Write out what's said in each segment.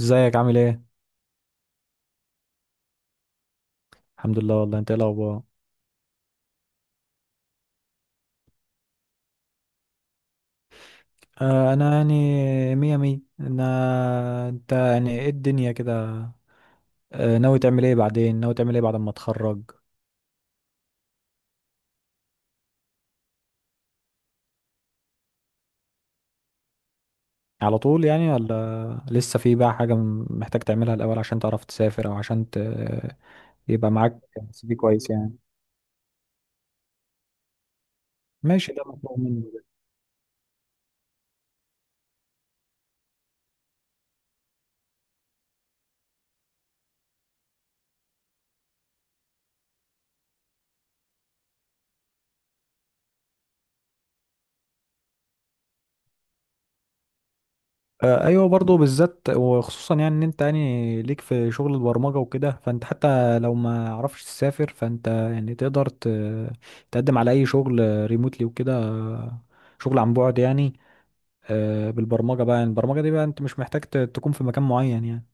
ازيك؟ عامل ايه؟ الحمد لله، والله. انت ايه الاخبار؟ انا يعني مية مية. انا انت يعني ايه الدنيا كده؟ ناوي تعمل ايه بعد ما تخرج؟ على طول يعني؟ ولا لسه في بقى حاجة محتاج تعملها الاول عشان تعرف تسافر، او عشان يبقى معاك سي في كويس يعني؟ ماشي، ده مطلوب مني. ايوه، برضو بالذات وخصوصا، يعني ان انت يعني ليك في شغل البرمجه وكده، فانت حتى لو ما عرفش تسافر فانت يعني تقدر تقدم على اي شغل ريموتلي وكده. شغل عن بعد يعني. بالبرمجه بقى، يعني البرمجه دي بقى انت مش محتاج تكون في مكان معين يعني.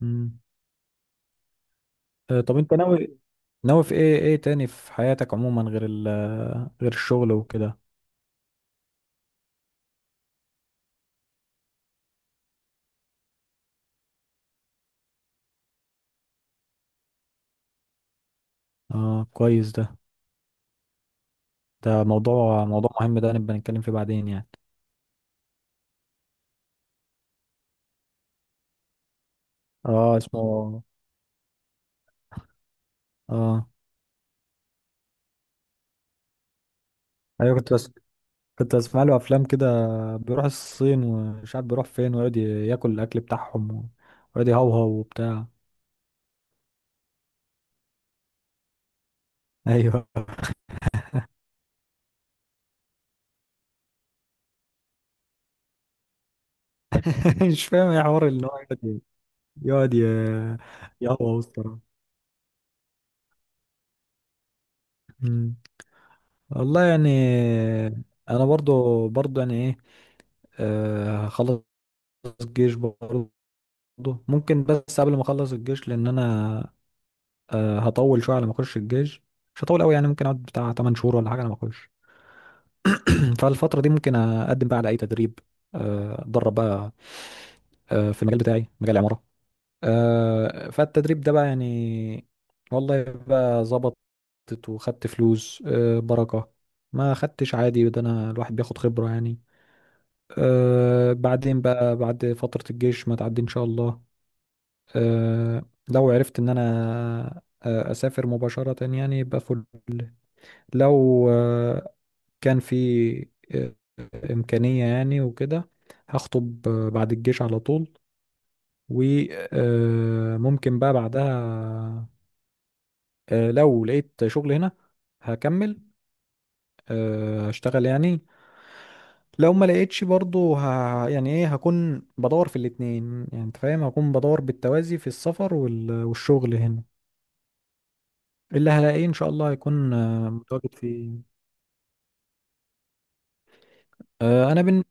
مم. طب انت ناوي؟ في ايه ايه تاني في حياتك عموما، غير غير الشغل وكده؟ اه كويس ده، ده موضوع، مهم، ده نبقى نتكلم فيه بعدين يعني. اه اسمه. اه ايوه، كنت اسمع له افلام كده، بيروح الصين ومش عارف بيروح فين، ويقعد ياكل الاكل بتاعهم ويقعد يهوهو وبتاع. ايوه. مش فاهم ايه حوار ان هو يقعد يقعد يهوهو الصراحه. أمم. والله يعني. انا برضو يعني ايه، هخلص الجيش برضو. ممكن بس قبل ما اخلص الجيش، لان انا هطول شويه على ما اخش الجيش. مش هطول قوي يعني، ممكن اقعد بتاع 8 شهور ولا حاجه على ما اخش. فالفترة دي ممكن أقدم بقى على أي تدريب، أتدرب بقى في المجال بتاعي، مجال العمارة. فالتدريب ده بقى يعني والله بقى ظبطت وخدت فلوس، بركة. ما خدتش عادي، ده أنا الواحد بياخد خبرة يعني. بعدين بقى بعد فترة الجيش ما تعدي إن شاء الله، آه، لو عرفت إن أنا أسافر مباشرة يعني يبقى فل. لو كان في آه، إمكانية يعني وكده، هخطب بعد الجيش على طول. وممكن بقى بعدها لو لقيت شغل هنا هكمل هشتغل يعني. لو ما لقيتش برضو يعني ايه، هكون بدور في الاتنين، يعني انت فاهم، هكون بدور بالتوازي في السفر والشغل هنا. اللي هلاقيه ان شاء الله هيكون متواجد فيه. آه، انا بن...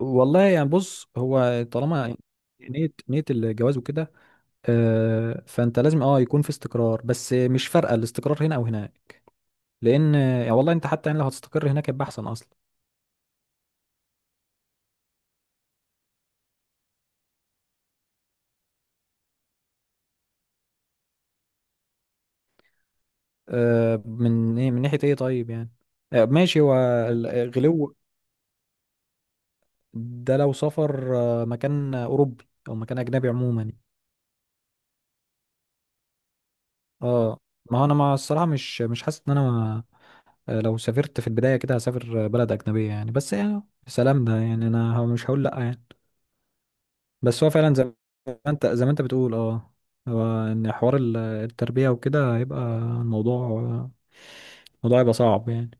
والله يعني، بص، هو طالما نية، الجواز وكده، فانت لازم اه يكون في استقرار، بس مش فارقه الاستقرار هنا او هناك، لان يعني والله انت حتى يعني لو هتستقر هناك يبقى احسن اصلا. من ايه، من ناحيه ايه طيب يعني؟ ماشي. هو الغلو ده، لو سافر مكان اوروبي او مكان اجنبي عموما يعني. اه، ما هو انا ما الصراحه مش مش حاسس ان انا لو سافرت في البدايه كده هسافر بلد اجنبيه يعني، بس يعني سلام، ده يعني انا مش هقول لا يعني. بس هو فعلا زي ما انت، زي ما انت بتقول اه، هو ان حوار التربية وكده هيبقى الموضوع، الموضوع هيبقى صعب يعني.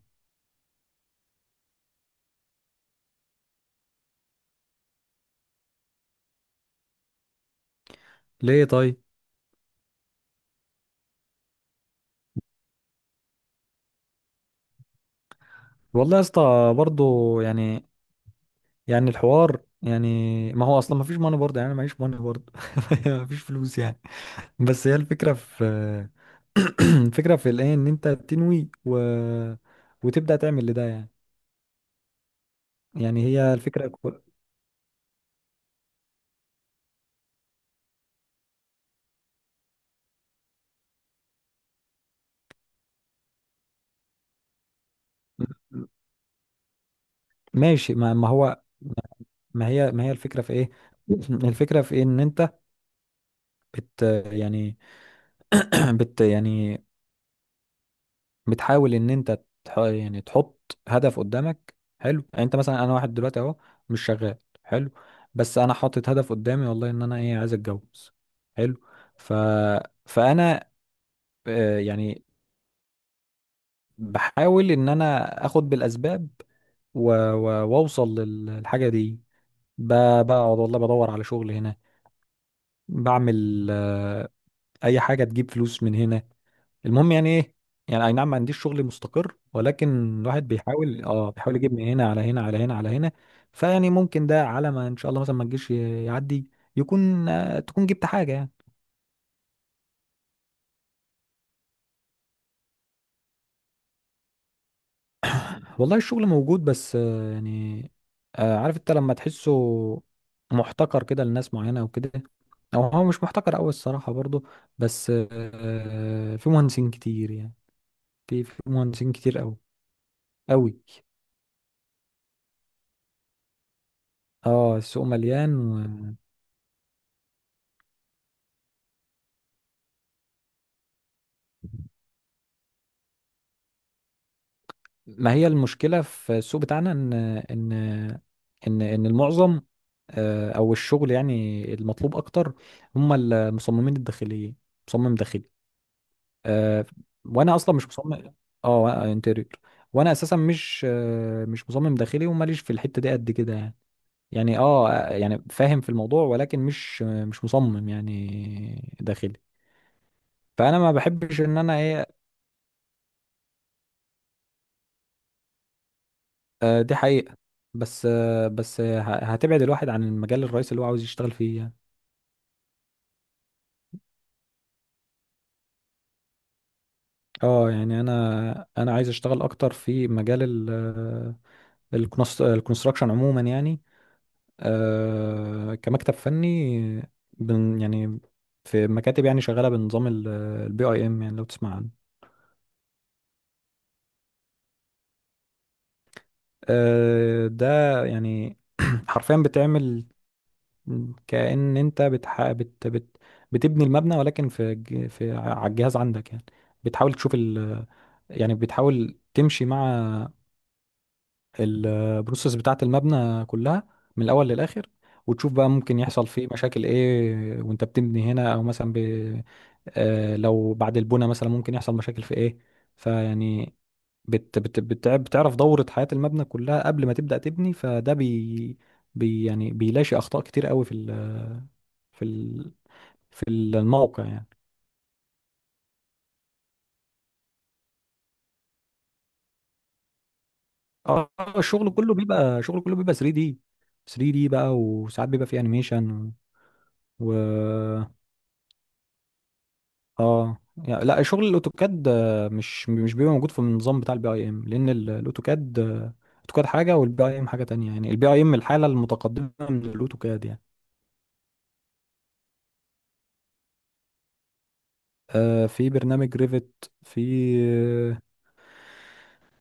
ليه طيب؟ والله يا اسطى برضه. يعني، يعني الحوار يعني، ما هو اصلا ما فيش ماني برضه يعني، انا معيش ماني برضه. ما فيش فلوس يعني. بس هي الفكرة في، الفكرة في الايه ان انت تنوي وتبدأ تعمل لده يعني. يعني هي الفكرة ماشي. ما هو، ما هي الفكرة في ايه؟ الفكرة في ايه ان انت بت يعني، بت يعني بتحاول ان انت تح، يعني تحط هدف قدامك. حلو. يعني انت مثلا، انا واحد دلوقتي اهو مش شغال، حلو، بس انا حاطط هدف قدامي والله، ان انا ايه عايز اتجوز. حلو. ف فانا يعني بحاول ان انا اخد بالاسباب واوصل للحاجه دي. بقعد والله بدور على شغل هنا، بعمل اي حاجه تجيب فلوس من هنا، المهم يعني ايه، يعني اي نعم ما عنديش شغل مستقر، ولكن الواحد بيحاول اه بيحاول يجيب من هنا على هنا على هنا على هنا. فيعني ممكن ده على ما ان شاء الله مثلا ما تجيش يعدي، يكون آه تكون جبت حاجة يعني. والله الشغل موجود، بس آه يعني، آه عارف انت لما تحسه محتكر كده لناس معينة او كده، او هو مش محتكر قوي الصراحة برضه، بس آه في مهندسين كتير يعني. في مهندسين كتير قوي قوي. اه السوق مليان. ما هي المشكلة في السوق بتاعنا، إن إن المعظم أو الشغل يعني المطلوب أكتر هم المصممين الداخليين، مصمم داخلي، آه، وأنا أصلا مش مصمم. أه، انتيريور. وأنا أساسا مش مش مصمم داخلي، وماليش في الحتة دي قد كده يعني. يعني أه يعني فاهم في الموضوع ولكن مش مش مصمم يعني داخلي. فأنا ما بحبش إن أنا إيه. دي حقيقة. بس آه، بس هتبعد الواحد عن المجال الرئيسي اللي هو عاوز يشتغل فيه يعني. اه يعني انا عايز اشتغل اكتر في مجال ال الكونستراكشن عموما يعني، كمكتب فني، يعني في مكاتب يعني شغالة بنظام البي اي ام، يعني لو تسمع عنه. ده يعني حرفيا بتعمل كأن انت بتبني المبنى، ولكن في ج- في ع- على الجهاز عندك يعني. بتحاول تشوف، يعني بتحاول تمشي مع البروسيس بتاعة المبنى كلها من الأول للآخر، وتشوف بقى ممكن يحصل فيه مشاكل إيه وأنت بتبني هنا، أو مثلا لو بعد البناء مثلا ممكن يحصل مشاكل في إيه. فيعني بتعرف دورة حياة المبنى كلها قبل ما تبدأ تبني، فده يعني بيلاشي أخطاء كتير قوي في ال... في الموقع يعني. اه الشغل كله بيبقى، شغل كله بيبقى 3D. 3D بقى، وساعات بيبقى فيه انيميشن و اه يعني. لا شغل الاوتوكاد مش مش بيبقى موجود في النظام بتاع البي اي ام، لان الاوتوكاد الاوتوكاد حاجه والبي اي ام حاجه تانية، يعني البي اي ام الحاله المتقدمه من الاوتوكاد يعني. في برنامج ريفت، في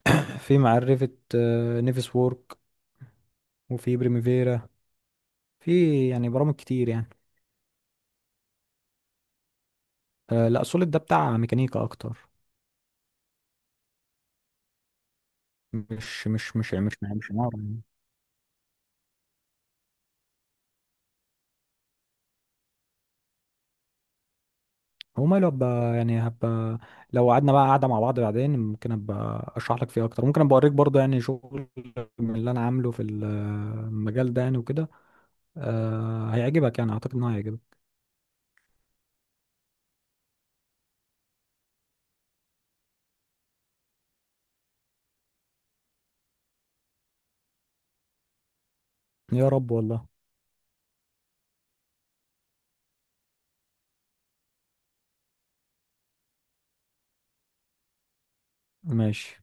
في مع الريفت آه نيفس وورك، وفي بريميفيرا. في يعني برامج كتير يعني. لا سوليد ده بتاع ميكانيكا اكتر، مش عمارة يعني. وماله، هبقى يعني، لو قعدنا بقى قعدة مع بعض بعدين، ممكن ابقى اشرح لك فيه اكتر، ممكن ابقى اوريك برضه يعني شغل من اللي انا عامله في المجال ده يعني وكده. أه هيعجبك، يعني اعتقد انه هيعجبك. يا رب والله. ماشي.